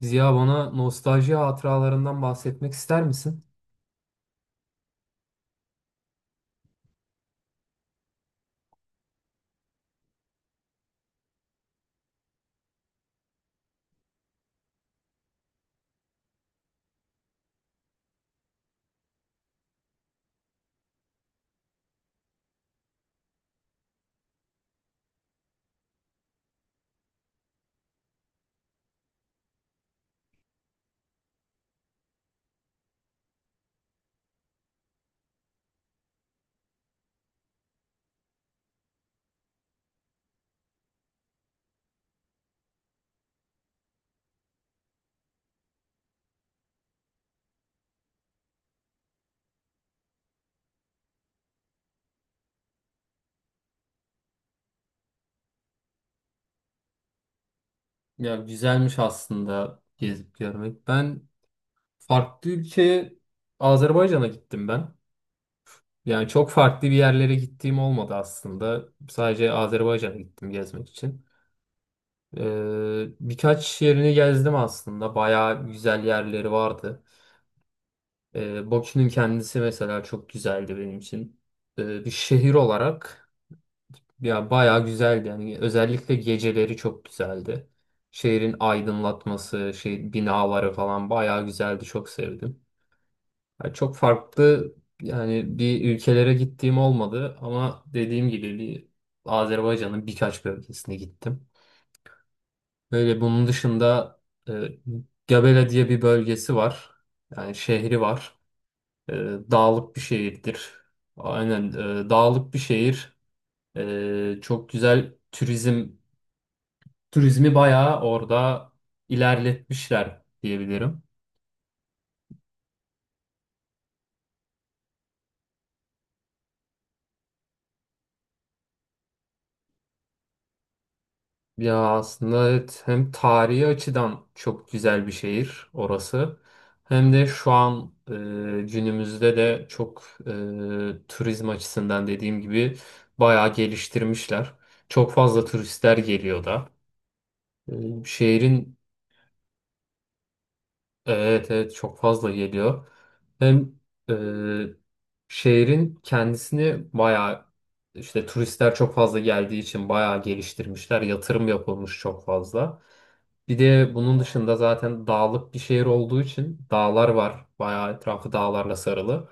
Ziya, bana nostalji hatıralarından bahsetmek ister misin? Ya, güzelmiş aslında gezip görmek. Ben farklı ülkeye Azerbaycan'a gittim ben. Yani çok farklı bir yerlere gittiğim olmadı aslında. Sadece Azerbaycan'a gittim gezmek için. Birkaç yerini gezdim aslında. Bayağı güzel yerleri vardı. Bakü'nün kendisi mesela çok güzeldi benim için. Bir şehir olarak. Ya, bayağı güzeldi yani, özellikle geceleri çok güzeldi. Şehrin aydınlatması, şey binaları falan bayağı güzeldi, çok sevdim. Ya, çok farklı yani bir ülkelere gittiğim olmadı ama dediğim gibi bir Azerbaycan'ın birkaç bölgesine gittim. Böyle bunun dışında e, Gabela diye bir bölgesi var. Yani şehri var. E, Dağlık bir şehirdir. Aynen, dağlık bir şehir. Çok güzel turizm turizmi bayağı orada ilerletmişler diyebilirim. Ya aslında evet, hem tarihi açıdan çok güzel bir şehir orası. Hem de şu an günümüzde de çok turizm açısından dediğim gibi bayağı geliştirmişler. Çok fazla turistler geliyor da. E, şehrin Evet, evet, çok fazla geliyor. Hem e, şehrin kendisini bayağı, işte turistler çok fazla geldiği için bayağı geliştirmişler. Yatırım yapılmış çok fazla. Bir de bunun dışında zaten dağlık bir şehir olduğu için dağlar var. Bayağı etrafı dağlarla sarılı.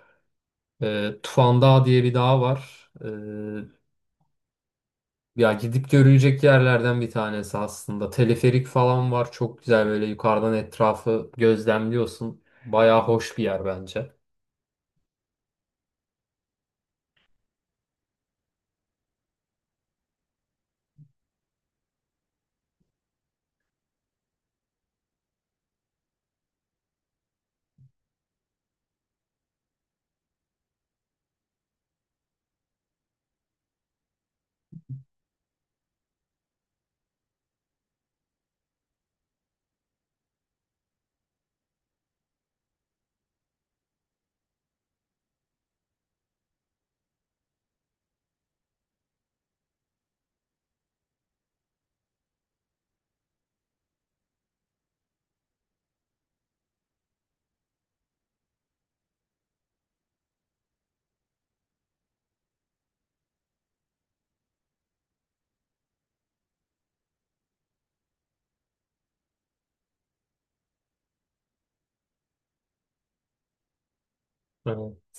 Tufan Dağı diye bir dağ var. Ya, gidip görülecek yerlerden bir tanesi aslında. Teleferik falan var. Çok güzel, böyle yukarıdan etrafı gözlemliyorsun. Bayağı hoş bir yer bence. Evet.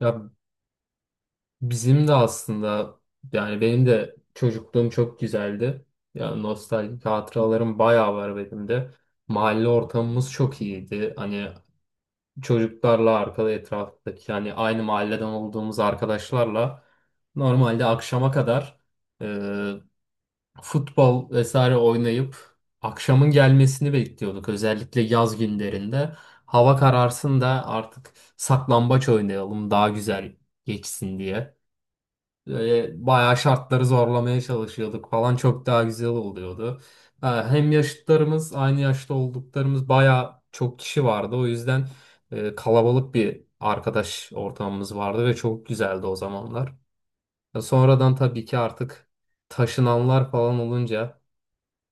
Ya bizim de aslında, yani benim de çocukluğum çok güzeldi. Ya, nostaljik hatıralarım bayağı var benim de. Mahalle ortamımız çok iyiydi. Hani çocuklarla arkada etraftaki yani aynı mahalleden olduğumuz arkadaşlarla normalde akşama kadar futbol vesaire oynayıp akşamın gelmesini bekliyorduk. Özellikle yaz günlerinde. Hava kararsın da artık saklambaç oynayalım, daha güzel geçsin diye. Böyle bayağı şartları zorlamaya çalışıyorduk falan, çok daha güzel oluyordu. Ha, hem yaşıtlarımız, aynı yaşta olduklarımız bayağı çok kişi vardı. O yüzden kalabalık bir arkadaş ortamımız vardı ve çok güzeldi o zamanlar. Ya, sonradan tabii ki artık taşınanlar falan olunca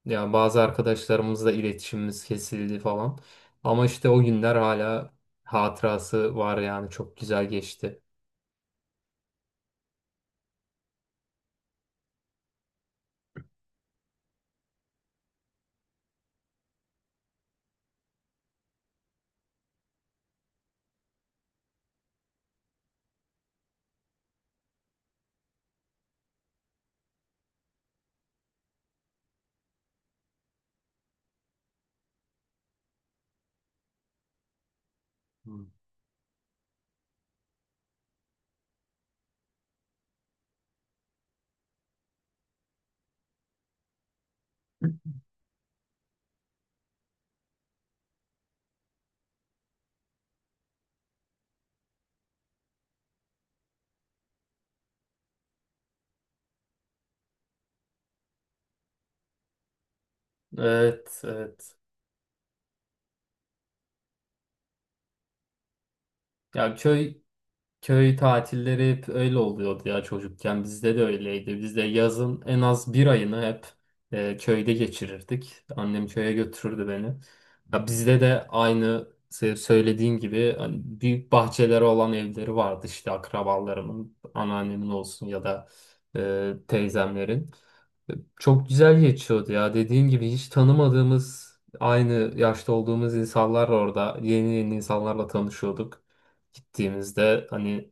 ya bazı arkadaşlarımızla iletişimimiz kesildi falan. Ama işte o günler hala hatırası var, yani çok güzel geçti. Hmm. Evet, evet. Ya, köy tatilleri hep öyle oluyordu ya çocukken. Bizde de öyleydi. Biz de yazın en az bir ayını hep köyde geçirirdik. Annem köye götürürdü beni. Ya bizde de aynı söylediğin gibi hani büyük bahçeleri olan evleri vardı işte akrabalarımın, anneannemin olsun ya da teyzemlerin. E, Çok güzel geçiyordu ya. Dediğin gibi hiç tanımadığımız, aynı yaşta olduğumuz insanlar orada. Yeni yeni insanlarla tanışıyorduk. Gittiğimizde hani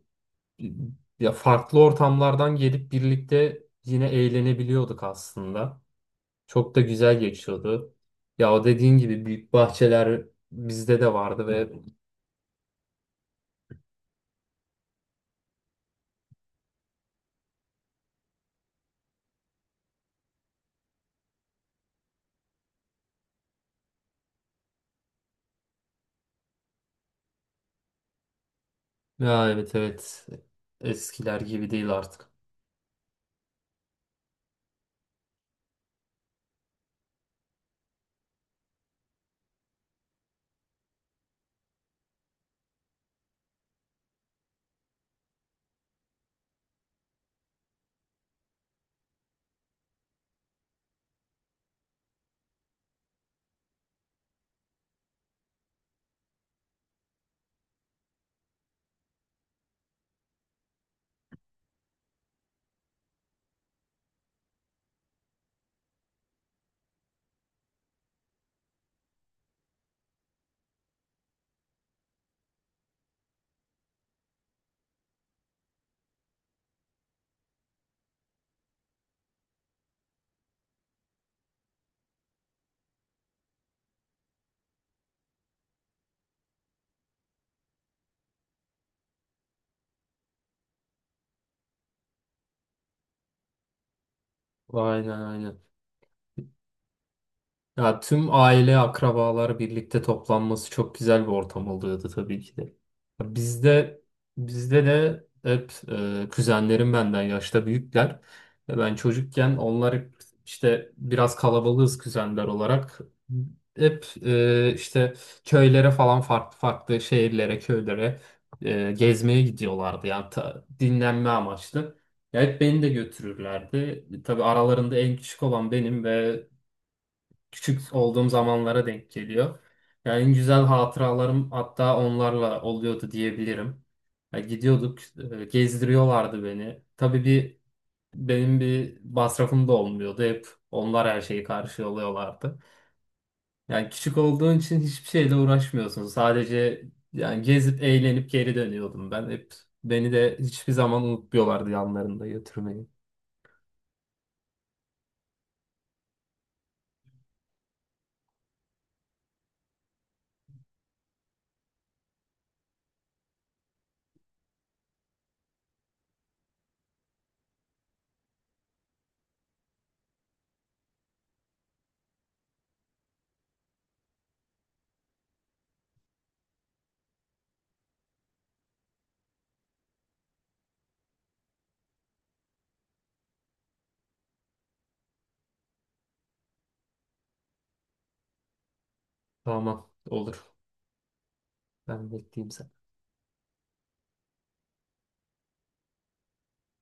ya farklı ortamlardan gelip birlikte yine eğlenebiliyorduk aslında. Çok da güzel geçiyordu. Ya, o dediğin gibi büyük bahçeler bizde de vardı ve ya evet, evet, eskiler gibi değil artık. Aynen, aynen. Ya, tüm aile, akrabalar birlikte toplanması çok güzel bir ortam oluyordu tabii ki de. Ya, bizde de hep kuzenlerim benden yaşta büyükler. Ve ben çocukken onlar hep işte biraz kalabalığız kuzenler olarak. Hep işte köylere falan, farklı farklı şehirlere, köylere gezmeye gidiyorlardı. Yani dinlenme amaçlı. Ya hep beni de götürürlerdi. Tabii aralarında en küçük olan benim ve küçük olduğum zamanlara denk geliyor. Yani en güzel hatıralarım hatta onlarla oluyordu diyebilirim. Ya, gidiyorduk, gezdiriyorlardı beni. Tabii benim bir masrafım da olmuyordu. Hep onlar her şeyi karşılıyorlardı. Yani küçük olduğun için hiçbir şeyle uğraşmıyorsun. Sadece yani gezip eğlenip geri dönüyordum ben. Hep beni de hiçbir zaman unutmuyorlardı yanlarında götürmeyi. Tamam, olur. Ben bekleyeyim sen.